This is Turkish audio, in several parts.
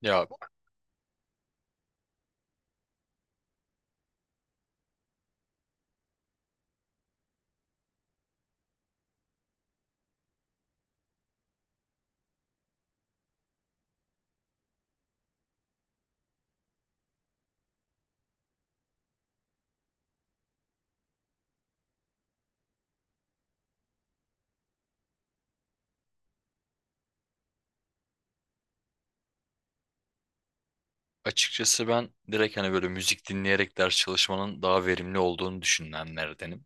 Ya açıkçası ben direkt hani böyle müzik dinleyerek ders çalışmanın daha verimli olduğunu düşünenlerdenim.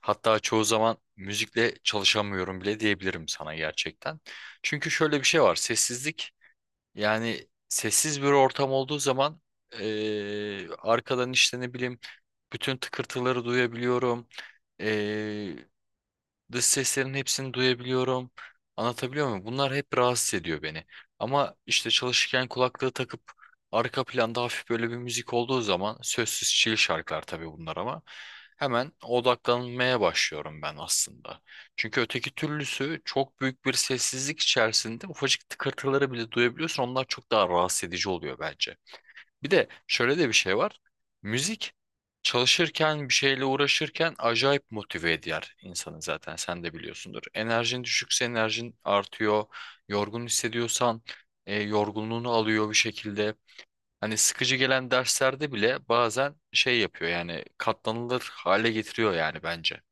Hatta çoğu zaman müzikle çalışamıyorum bile diyebilirim sana gerçekten. Çünkü şöyle bir şey var. Sessizlik yani sessiz bir ortam olduğu zaman arkadan işte ne bileyim bütün tıkırtıları duyabiliyorum. Dış seslerin hepsini duyabiliyorum. Anlatabiliyor muyum? Bunlar hep rahatsız ediyor beni. Ama işte çalışırken kulaklığı takıp arka planda hafif böyle bir müzik olduğu zaman sözsüz chill şarkılar tabii bunlar ama hemen odaklanmaya başlıyorum ben aslında. Çünkü öteki türlüsü çok büyük bir sessizlik içerisinde ufacık tıkırtıları bile duyabiliyorsun. Onlar çok daha rahatsız edici oluyor bence. Bir de şöyle de bir şey var. Müzik çalışırken bir şeyle uğraşırken acayip motive eder insanı zaten sen de biliyorsundur. Enerjin düşükse enerjin artıyor. Yorgun hissediyorsan yorgunluğunu alıyor bir şekilde. Hani sıkıcı gelen derslerde bile bazen şey yapıyor yani katlanılır hale getiriyor yani bence.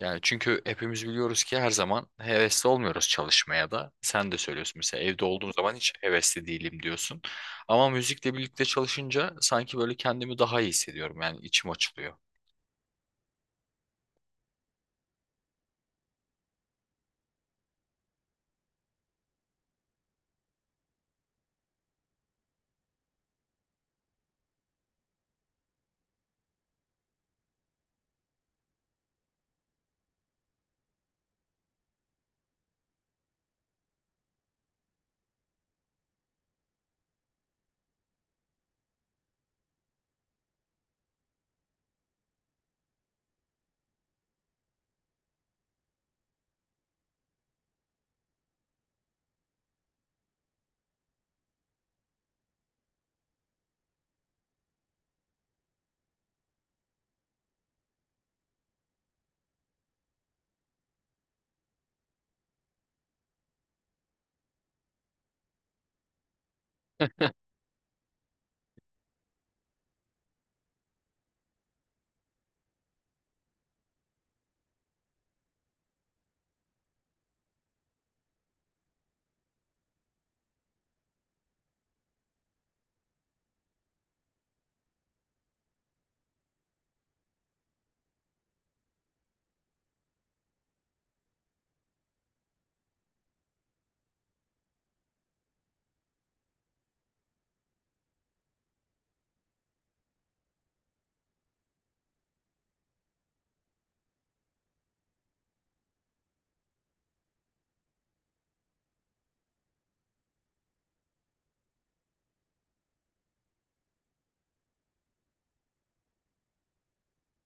Yani çünkü hepimiz biliyoruz ki her zaman hevesli olmuyoruz çalışmaya da. Sen de söylüyorsun mesela evde olduğum zaman hiç hevesli değilim diyorsun. Ama müzikle birlikte çalışınca sanki böyle kendimi daha iyi hissediyorum. Yani içim açılıyor.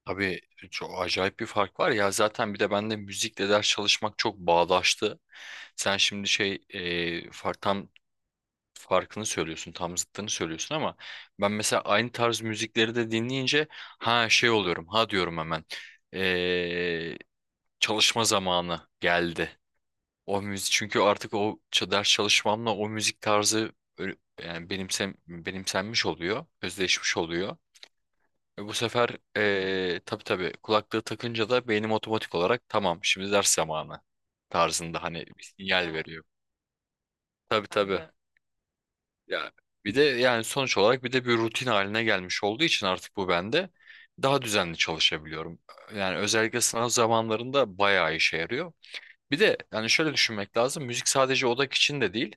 Tabii çok acayip bir fark var ya zaten bir de bende müzikle ders çalışmak çok bağdaştı. Sen şimdi tam farkını söylüyorsun, tam zıttını söylüyorsun ama ben mesela aynı tarz müzikleri de dinleyince ha şey oluyorum, ha diyorum hemen. Çalışma zamanı geldi. O müzik çünkü artık ders çalışmamla o müzik tarzı yani benimsenmiş oluyor, özdeşmiş oluyor. E bu sefer tabii kulaklığı takınca da beynim otomatik olarak tamam şimdi ders zamanı tarzında hani bir sinyal veriyor. Tabii. Anladım. Ya bir de yani sonuç olarak bir de bir rutin haline gelmiş olduğu için artık bu bende daha düzenli çalışabiliyorum. Yani özellikle sınav zamanlarında bayağı işe yarıyor. Bir de yani şöyle düşünmek lazım. Müzik sadece odak için de değil.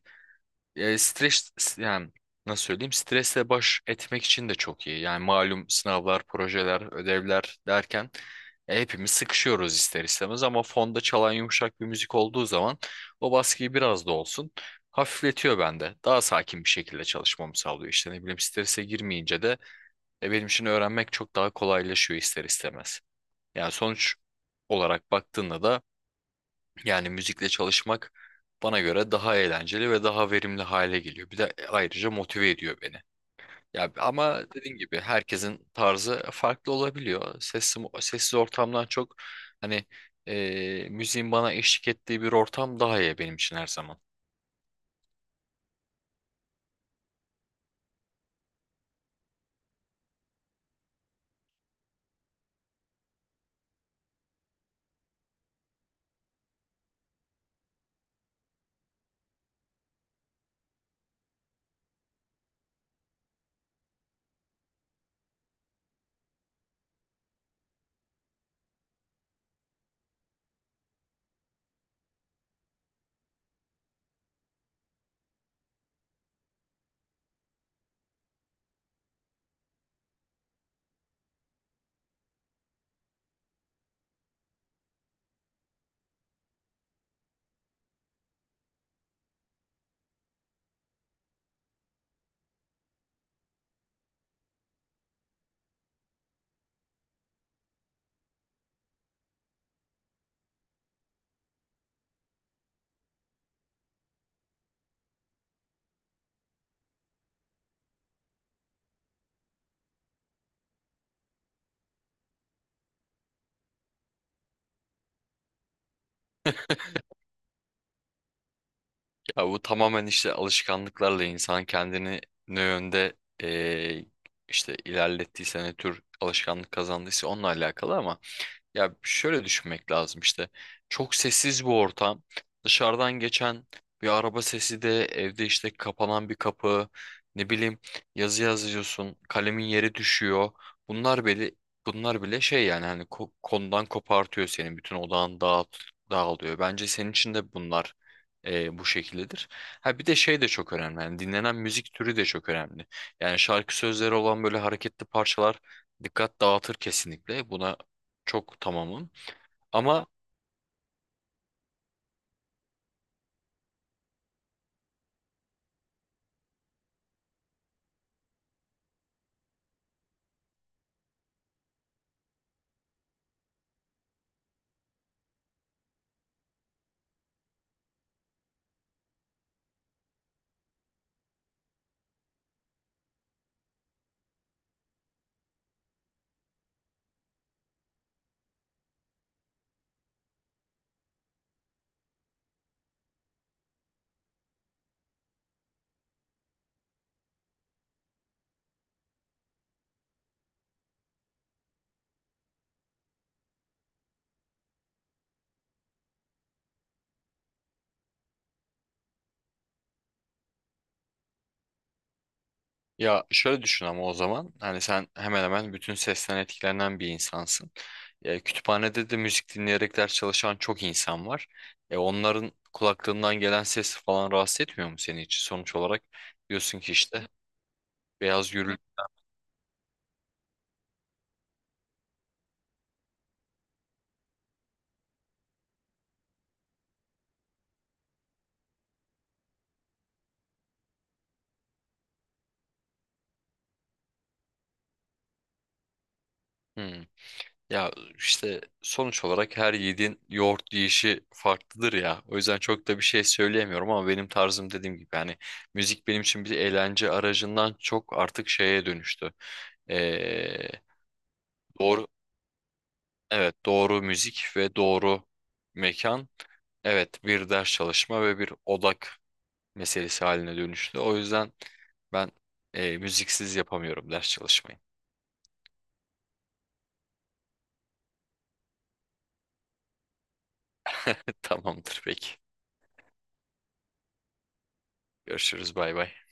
Yani nasıl söyleyeyim? Stresle baş etmek için de çok iyi. Yani malum sınavlar, projeler, ödevler derken hepimiz sıkışıyoruz ister istemez ama fonda çalan yumuşak bir müzik olduğu zaman o baskıyı biraz da olsun hafifletiyor bende. Daha sakin bir şekilde çalışmamı sağlıyor. İşte ne bileyim strese girmeyince de benim için öğrenmek çok daha kolaylaşıyor ister istemez. Yani sonuç olarak baktığında da yani müzikle çalışmak bana göre daha eğlenceli ve daha verimli hale geliyor. Bir de ayrıca motive ediyor beni. Ya ama dediğim gibi herkesin tarzı farklı olabiliyor. Sessiz, sessiz ortamdan çok hani müziğin bana eşlik ettiği bir ortam daha iyi benim için her zaman. Ya bu tamamen işte alışkanlıklarla insan kendini ne yönde e, işte ilerlettiyse ne tür alışkanlık kazandıysa onunla alakalı ama ya şöyle düşünmek lazım işte. Çok sessiz bir ortam. Dışarıdan geçen bir araba sesi de evde işte kapanan bir kapı. Ne bileyim yazı yazıyorsun. Kalemin yeri düşüyor. Bunlar bile bunlar bile şey yani hani konudan kopartıyor senin. Bütün dağılıyor. Bence senin için de bunlar bu şekildedir. Ha bir de şey de çok önemli. Yani dinlenen müzik türü de çok önemli. Yani şarkı sözleri olan böyle hareketli parçalar dikkat dağıtır kesinlikle. Buna çok tamamım. Ama ya şöyle düşün ama o zaman hani sen hemen hemen bütün sesten etkilenen bir insansın. E, kütüphanede de müzik dinleyerek ders çalışan çok insan var. E, onların kulaklarından gelen ses falan rahatsız etmiyor mu seni hiç? Sonuç olarak diyorsun ki işte beyaz gürültü. Ya işte sonuç olarak her yiğidin yoğurt yiyişi farklıdır ya. O yüzden çok da bir şey söyleyemiyorum ama benim tarzım dediğim gibi yani müzik benim için bir eğlence aracından çok artık şeye dönüştü. Ee, doğru evet doğru müzik ve doğru mekan evet bir ders çalışma ve bir odak meselesi haline dönüştü. O yüzden ben müziksiz yapamıyorum ders çalışmayı. Tamamdır peki. Görüşürüz bay bay.